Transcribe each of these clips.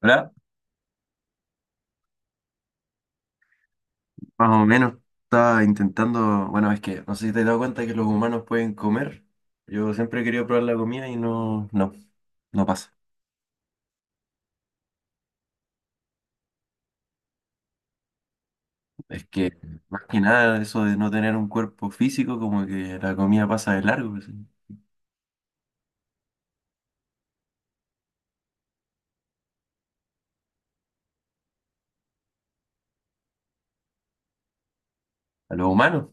¿Verdad? Más o menos. Estaba intentando, bueno, es que no sé si te has dado cuenta que los humanos pueden comer. Yo siempre he querido probar la comida y no, no, no pasa. Es que más que nada eso de no tener un cuerpo físico, como que la comida pasa de largo. Pues, sí. A los humanos.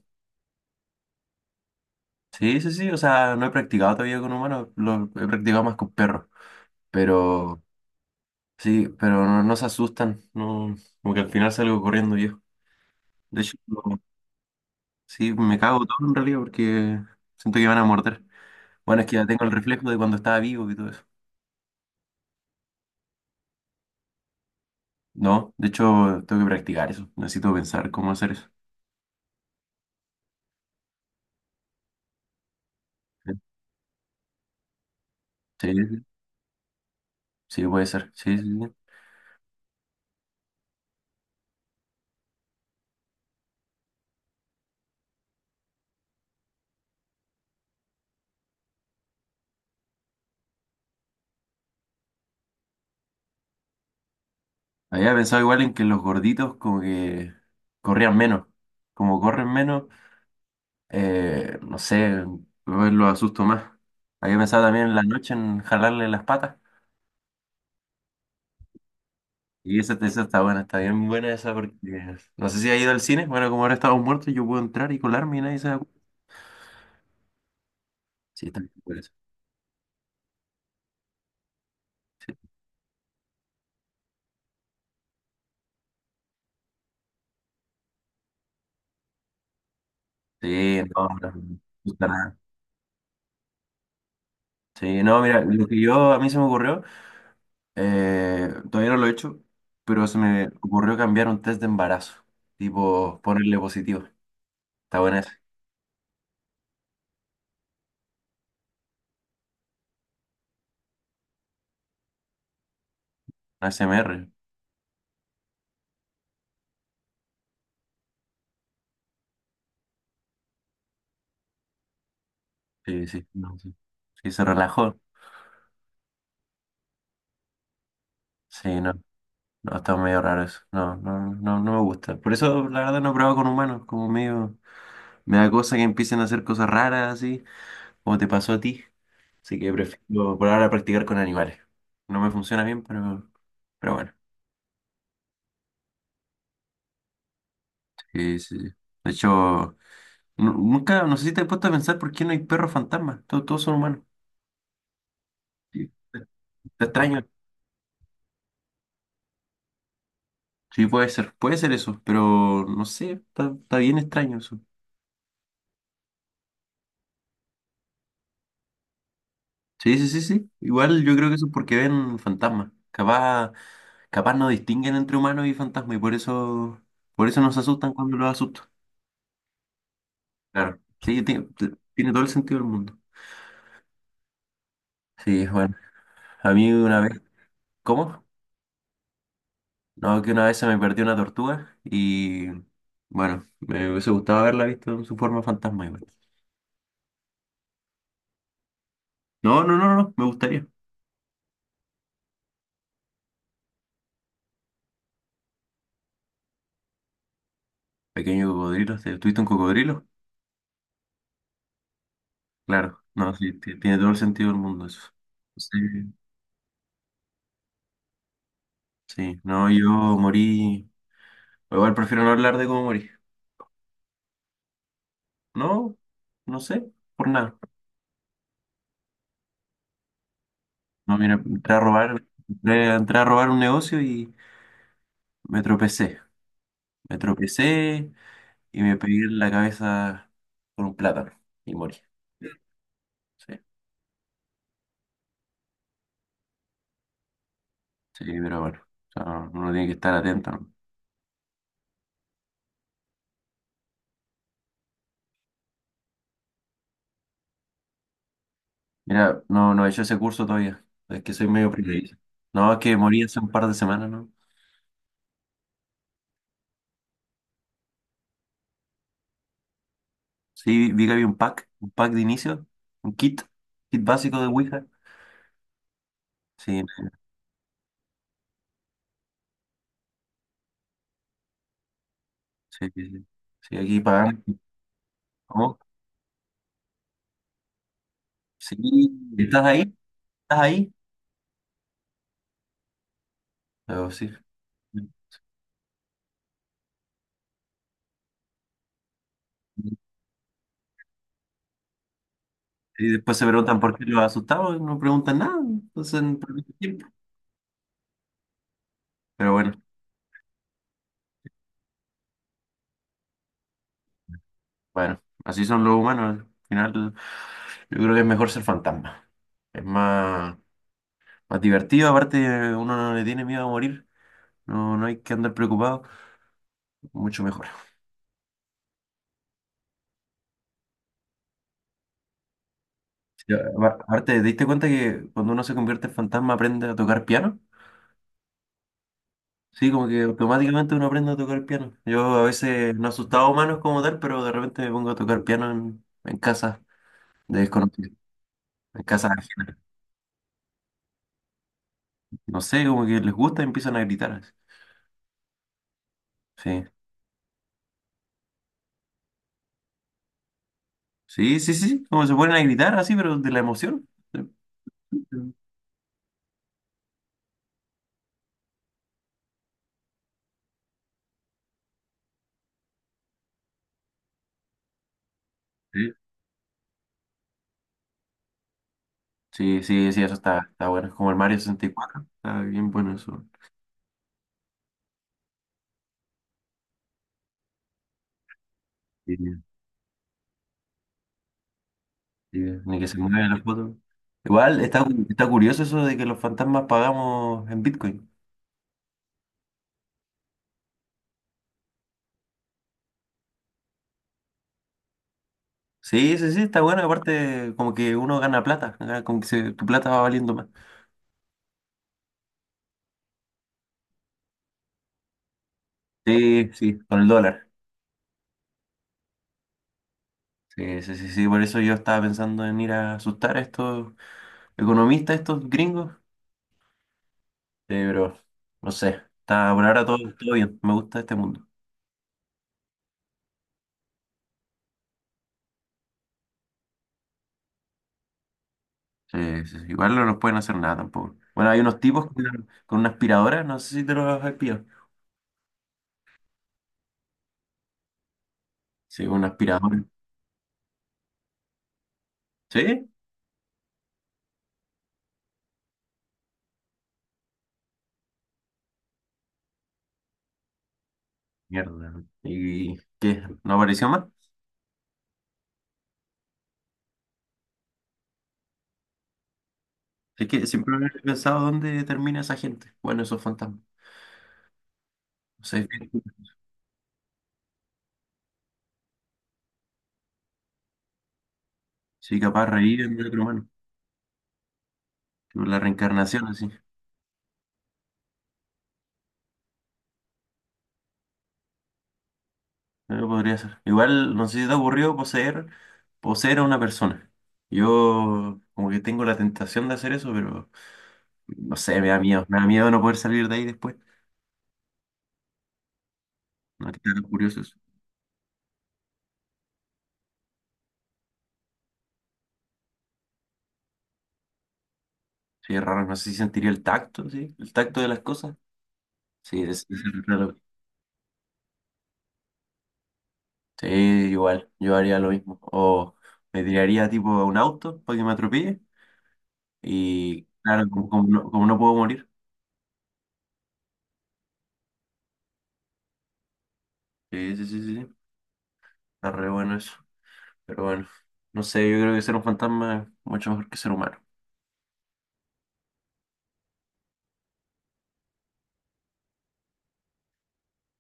Sí, sí, sí. O sea, no he practicado todavía con humanos, lo he practicado más con perros. Pero sí, pero no, no se asustan. No, como que al final salgo corriendo yo. De hecho, sí, me cago todo en realidad porque siento que van a morder. Bueno, es que ya tengo el reflejo de cuando estaba vivo y todo eso. No, de hecho, tengo que practicar eso. Necesito pensar cómo hacer eso. Sí, sí, sí, puede ser. Sí, sí, sí. Había pensado igual en que los gorditos como que corrían menos. Como corren menos, no sé, lo asusto más. Había pensado también en la noche en jalarle las patas. Y esa está buena, está bien buena esa porque no sé si ha ido al cine. Bueno, como ahora estamos muertos, yo puedo entrar y colarme y nadie se da cuenta. Sí, está bien buena esa. Sí. Sí, no, no, no. No. Sí, no, mira, lo que yo a mí se me ocurrió, todavía no lo he hecho, pero se me ocurrió cambiar un test de embarazo, tipo ponerle positivo. Está buena esa, una SMR. Sí, sí, no, sí. Sí, se relajó. Sí, no, no, está medio raro eso. No, no, no, no me gusta. Por eso, la verdad, no he probado con humanos, como medio, me da cosa que empiecen a hacer cosas raras así, como te pasó a ti. Así que prefiero por ahora practicar con animales. No me funciona bien, pero bueno. Sí, sí, sí. De hecho. Nunca, no sé si te has puesto a pensar por qué no hay perros fantasmas. Todos, todos son humanos. Sí. Está extraño. Sí, puede ser eso, pero no sé, está bien extraño eso. Sí, sí, sí, sí. Igual yo creo que eso es porque ven fantasmas. Capaz, capaz no distinguen entre humanos y fantasmas y por eso nos asustan cuando los asustan. Claro. Sí, tiene todo el sentido del mundo. Sí, bueno. A mí una vez. ¿Cómo? No, que una vez se me perdió una tortuga y bueno, me hubiese gustado haberla visto en su forma fantasma igual. No, no, no, no, no, me gustaría. Pequeño cocodrilo, tuviste un cocodrilo? Claro, no, sí, tiene todo el sentido del mundo eso. Sí, sí, no, yo morí. Igual prefiero no hablar de cómo morí. No, no sé, por nada. No, mira, entré a robar, entré a robar un negocio y me tropecé. Me tropecé y me pegué en la cabeza con un plátano y morí. Sí. Sí, pero bueno, o sea, uno tiene que estar atento, ¿no? Mira, no, no he hecho ese curso todavía. Es que soy medio precavido. No, es que morí hace un par de semanas, ¿no? Sí, vi que había un pack de inicio, un kit, kit básico de Ouija. Sí, sí, sí. Sí, sí, aquí pagando. ¿Cómo? Sí, ¿estás ahí? ¿Estás ahí? Pero sí. Y después se preguntan por qué los asustados, no preguntan nada. Entonces, no pierden tiempo. Pero bueno, bueno, así son los humanos. Al final, yo creo que es mejor ser fantasma. Es más. Más divertido, aparte uno no le tiene miedo a morir, no, no hay que andar preocupado, mucho mejor. Sí, aparte, ¿te diste cuenta que cuando uno se convierte en fantasma aprende a tocar piano? Sí, como que automáticamente uno aprende a tocar piano. Yo a veces no asustaba a humanos como tal, pero de repente me pongo a tocar piano en casa de desconocidos, en casa ajena. No sé, como que les gusta y empiezan a gritar así. Sí, sí, sí, sí, sí, como se ponen a gritar así, pero de la emoción. Sí. Sí, sí, sí, sí, eso está bueno. Es como el Mario 64. Está bien bueno eso. Sí, sí, ni que se mueven las fotos. Igual está curioso eso de que los fantasmas pagamos en Bitcoin. Sí, sí, sí, está bueno. Aparte, como que uno gana plata, gana como que tu plata va valiendo más. Sí, sí, con el dólar. Sí, sí, sí, sí. Por eso yo estaba pensando en ir a asustar a estos economistas, estos gringos. Sí, pero no sé. Está por ahora todo, todo bien. Me gusta este mundo. Sí, sí, igual no nos pueden hacer nada tampoco. Bueno, hay unos tipos con una aspiradora, no sé si te los has pillado. Sí, una aspiradora. ¿Sí? Mierda. ¿Y qué? ¿No apareció más? Es que siempre he pensado dónde termina esa gente. Bueno, esos fantasmas. No sé, sí, capaz reír en el otro humano. Tipo, la reencarnación, así. Podría ser. Igual, no sé si te ha ocurrido poseer, poseer a una persona. Yo como que tengo la tentación de hacer eso, pero no sé, me da miedo. Me da miedo no poder salir de ahí después. No, que tan curioso. Sí, es raro, no sé si sentiría el tacto, sí, el tacto de las cosas. Sí, es raro. Sí, igual, yo haría lo mismo. O me tiraría tipo a un auto para que me atropelle. Y claro, como no puedo morir. Sí, sí, sí, sí, sí. Está re bueno eso. Pero bueno, no sé, yo creo que ser un fantasma es mucho mejor que ser humano.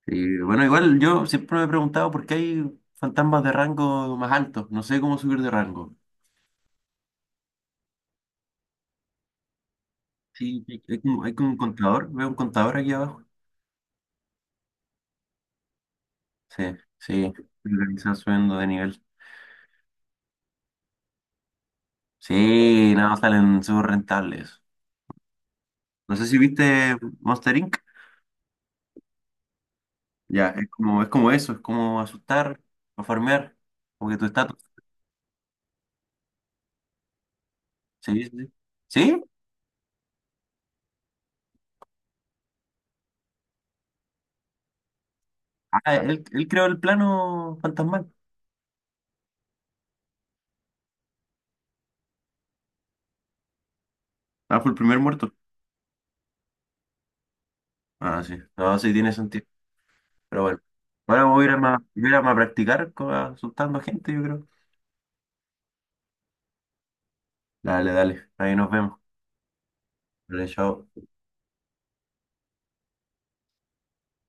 Y bueno, igual yo siempre me he preguntado por qué hay fantasmas de rango más altos. No sé cómo subir de rango. Sí, hay como un contador, veo un contador aquí abajo. Sí, sí, organizan subiendo de nivel. Sí, nada, salen súper rentables. No sé si viste Monster Inc. Ya, es como eso, es como asustar o farmear, porque que tu estatus. Sí, sí. ¿Sí? ¿Sí? Ah, él creó el plano fantasmal. Ah, fue el primer muerto. Ah, sí. No, sí tiene sentido. Pero bueno. Ahora voy a ir a practicar asustando a gente, yo creo. Dale, dale. Ahí nos vemos. Dale, chao.